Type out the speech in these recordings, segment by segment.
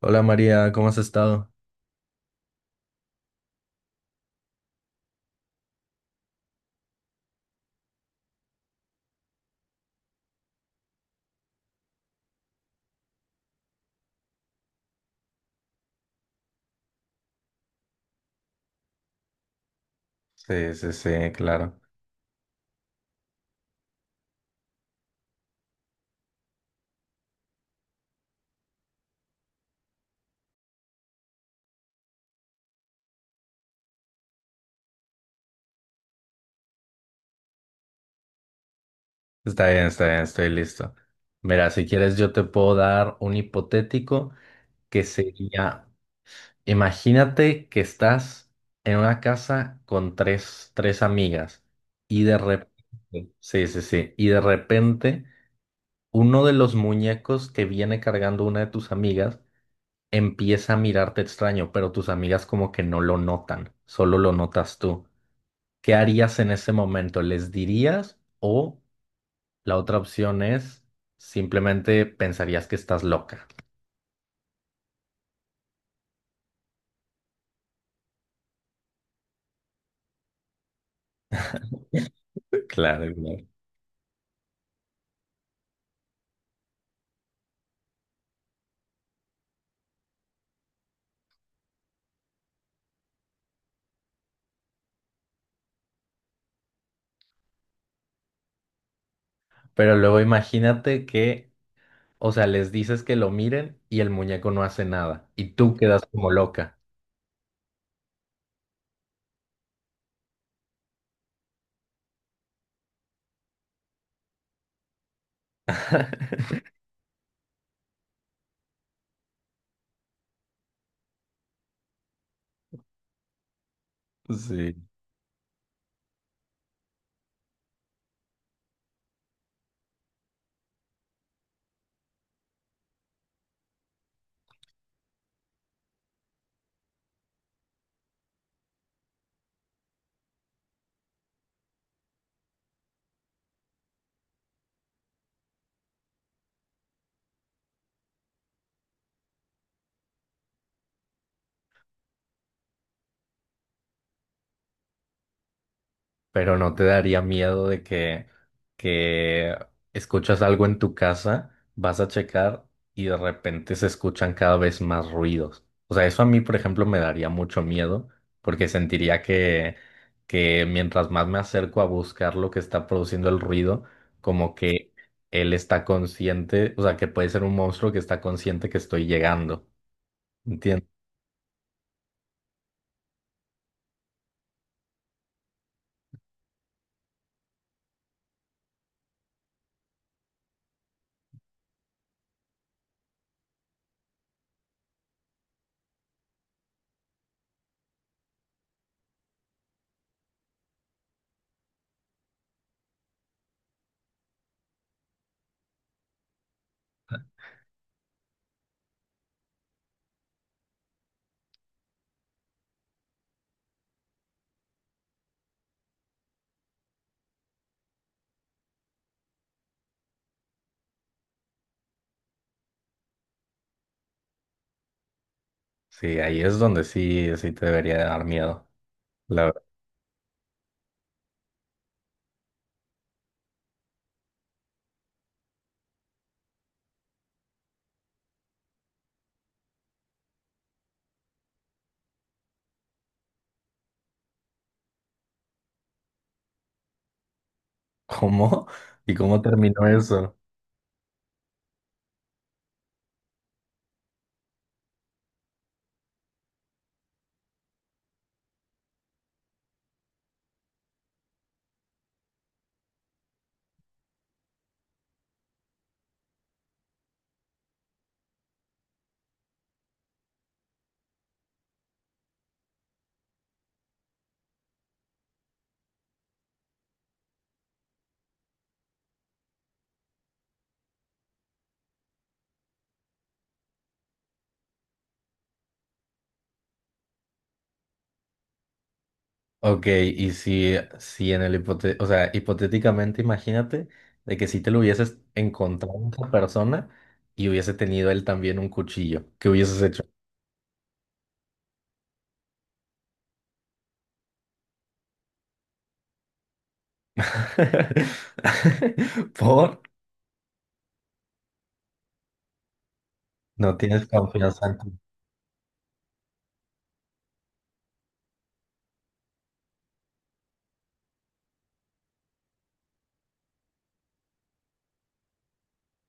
Hola María, ¿cómo has estado? Sí, sí, sí, claro. Está bien, estoy listo. Mira, si quieres yo te puedo dar un hipotético que sería, imagínate que estás en una casa con tres amigas y de repente, sí, sí, sí, y de repente uno de los muñecos que viene cargando una de tus amigas empieza a mirarte extraño, pero tus amigas como que no lo notan, solo lo notas tú. ¿Qué harías en ese momento? ¿Les dirías? O la otra opción es simplemente pensarías que estás loca. Claro, claro. Pero luego imagínate que, o sea, les dices que lo miren y el muñeco no hace nada y tú quedas como loca. Sí. Pero no te daría miedo de que escuchas algo en tu casa, vas a checar y de repente se escuchan cada vez más ruidos. O sea, eso a mí, por ejemplo, me daría mucho miedo porque sentiría que mientras más me acerco a buscar lo que está produciendo el ruido, como que él está consciente, o sea, que puede ser un monstruo que está consciente que estoy llegando. ¿Entiendes? Sí, ahí es donde sí, sí te debería dar miedo. ¿Cómo? ¿Y cómo terminó eso? Ok, y si en el hipote, o sea, hipotéticamente imagínate de que si te lo hubieses encontrado a esa persona y hubiese tenido él también un cuchillo, ¿qué hubieses hecho? ¿Por? No tienes confianza en ti.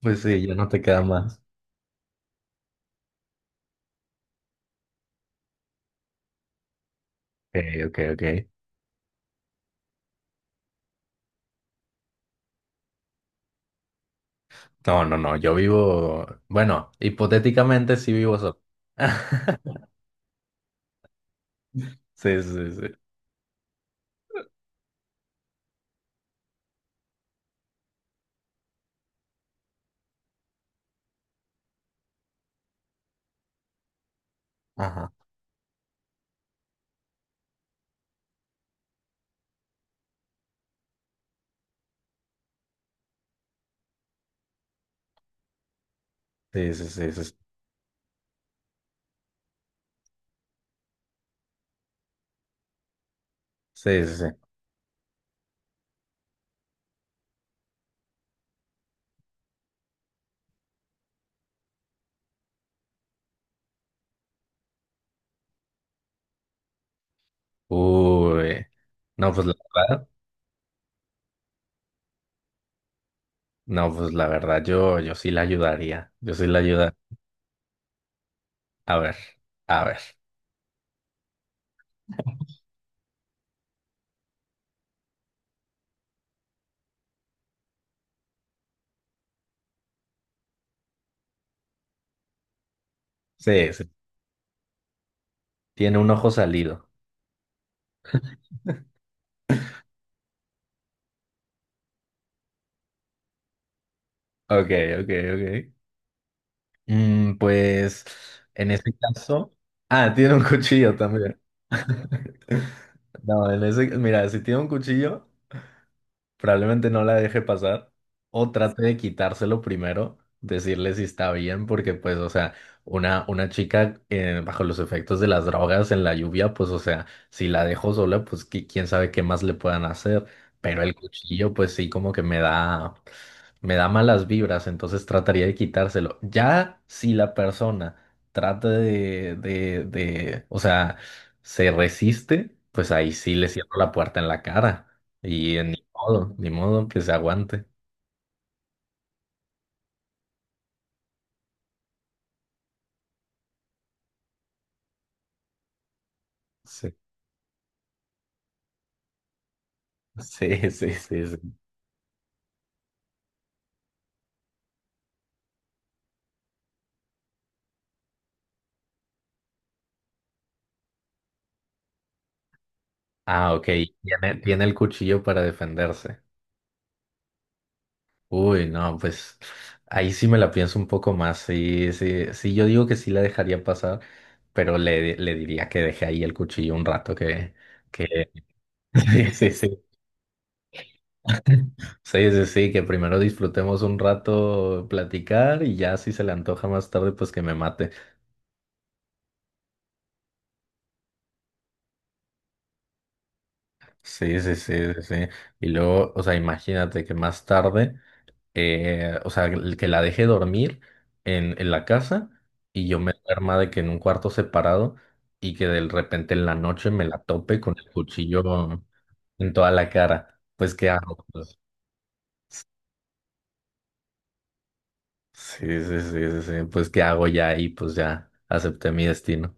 Pues sí, ya no te queda más. Ok, ok, ok. No, no, no, yo vivo, bueno, hipotéticamente sí vivo solo. Sí, sí, sí. Ajá. Sí, sí, sí, sí. Sí, sí, sí. Uy, no, pues la verdad, no, pues la verdad, yo sí la ayudaría. Yo sí la ayuda. A ver, a ver. Sí, sí. Tiene un ojo salido. Ok, ok, ok. Mm, pues en este caso. Ah, tiene un cuchillo también. No, en ese, mira, si tiene un cuchillo. Probablemente no la deje pasar o trate de quitárselo primero, decirle si está bien, porque pues, o sea, una chica bajo los efectos de las drogas en la lluvia, pues, o sea, si la dejo sola, pues qui- quién sabe qué más le puedan hacer, pero el cuchillo, pues sí, como que me da malas vibras, entonces trataría de quitárselo. Ya si la persona trata de o sea, se resiste, pues ahí sí le cierro la puerta en la cara. Y en modo, ni modo que se aguante. Sí, sí, sí, sí. Sí. Ah, ok. Tiene, tiene el cuchillo para defenderse. Uy, no, pues ahí sí me la pienso un poco más. Sí, sí, sí, yo digo que sí la dejaría pasar, pero le diría que deje ahí el cuchillo un rato, que, sí, sí, sí, sí, sí, sí, que primero disfrutemos un rato platicar y ya si se le antoja más tarde, pues que me mate. Sí, sí, sí, sí, sí. Y luego, o sea, imagínate que más tarde. O sea, el que la deje dormir en la casa y yo me duerma de que en un cuarto separado y que de repente en la noche me la tope con el cuchillo en toda la cara. Pues, ¿qué hago? Pues, sí, sí, sí, sí, sí. Pues, ¿qué hago ya ahí? Pues ya acepté mi destino.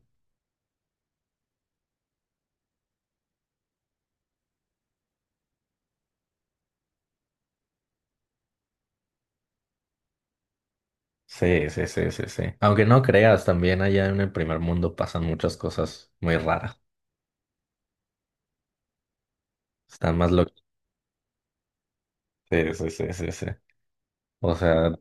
Sí, sí, sí, sí, sí. Aunque no creas, también allá en el primer mundo pasan muchas cosas muy raras. Están más locos. Sí, sí, sí, sí, sí. O sea,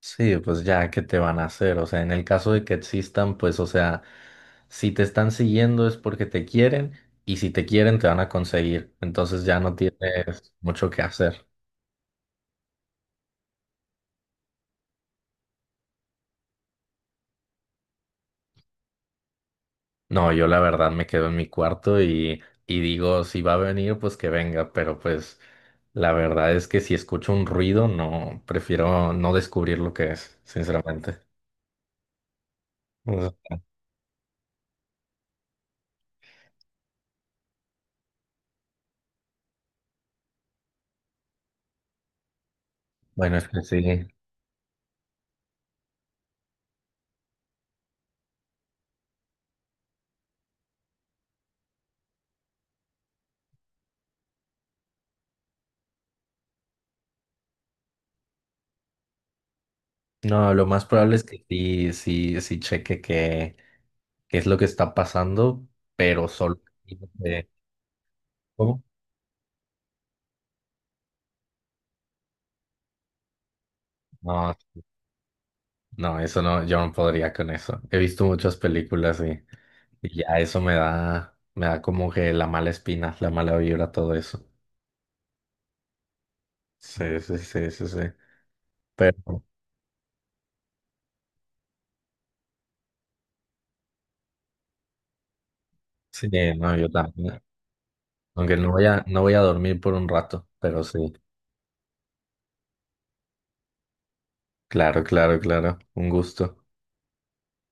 sí, pues ya, ¿qué te van a hacer? O sea, en el caso de que existan, pues, o sea, si te están siguiendo es porque te quieren y si te quieren te van a conseguir. Entonces ya no tienes mucho que hacer. No, yo la verdad me quedo en mi cuarto y digo, si va a venir, pues que venga, pero pues la verdad es que si escucho un ruido, no, prefiero no descubrir lo que es, sinceramente. O sea, bueno, es que sí. No, lo más probable es que sí, sí, sí cheque qué es lo que está pasando, pero solo de- ¿Cómo? No, no, eso no, yo no podría con eso. He visto muchas películas y ya eso me da como que la mala espina, la mala vibra, todo eso. Sí, sí, sí, sí, sí. Pero sí, no, yo también. Aunque no voy a, no voy a dormir por un rato, pero sí. Claro, claro, claro. Un gusto.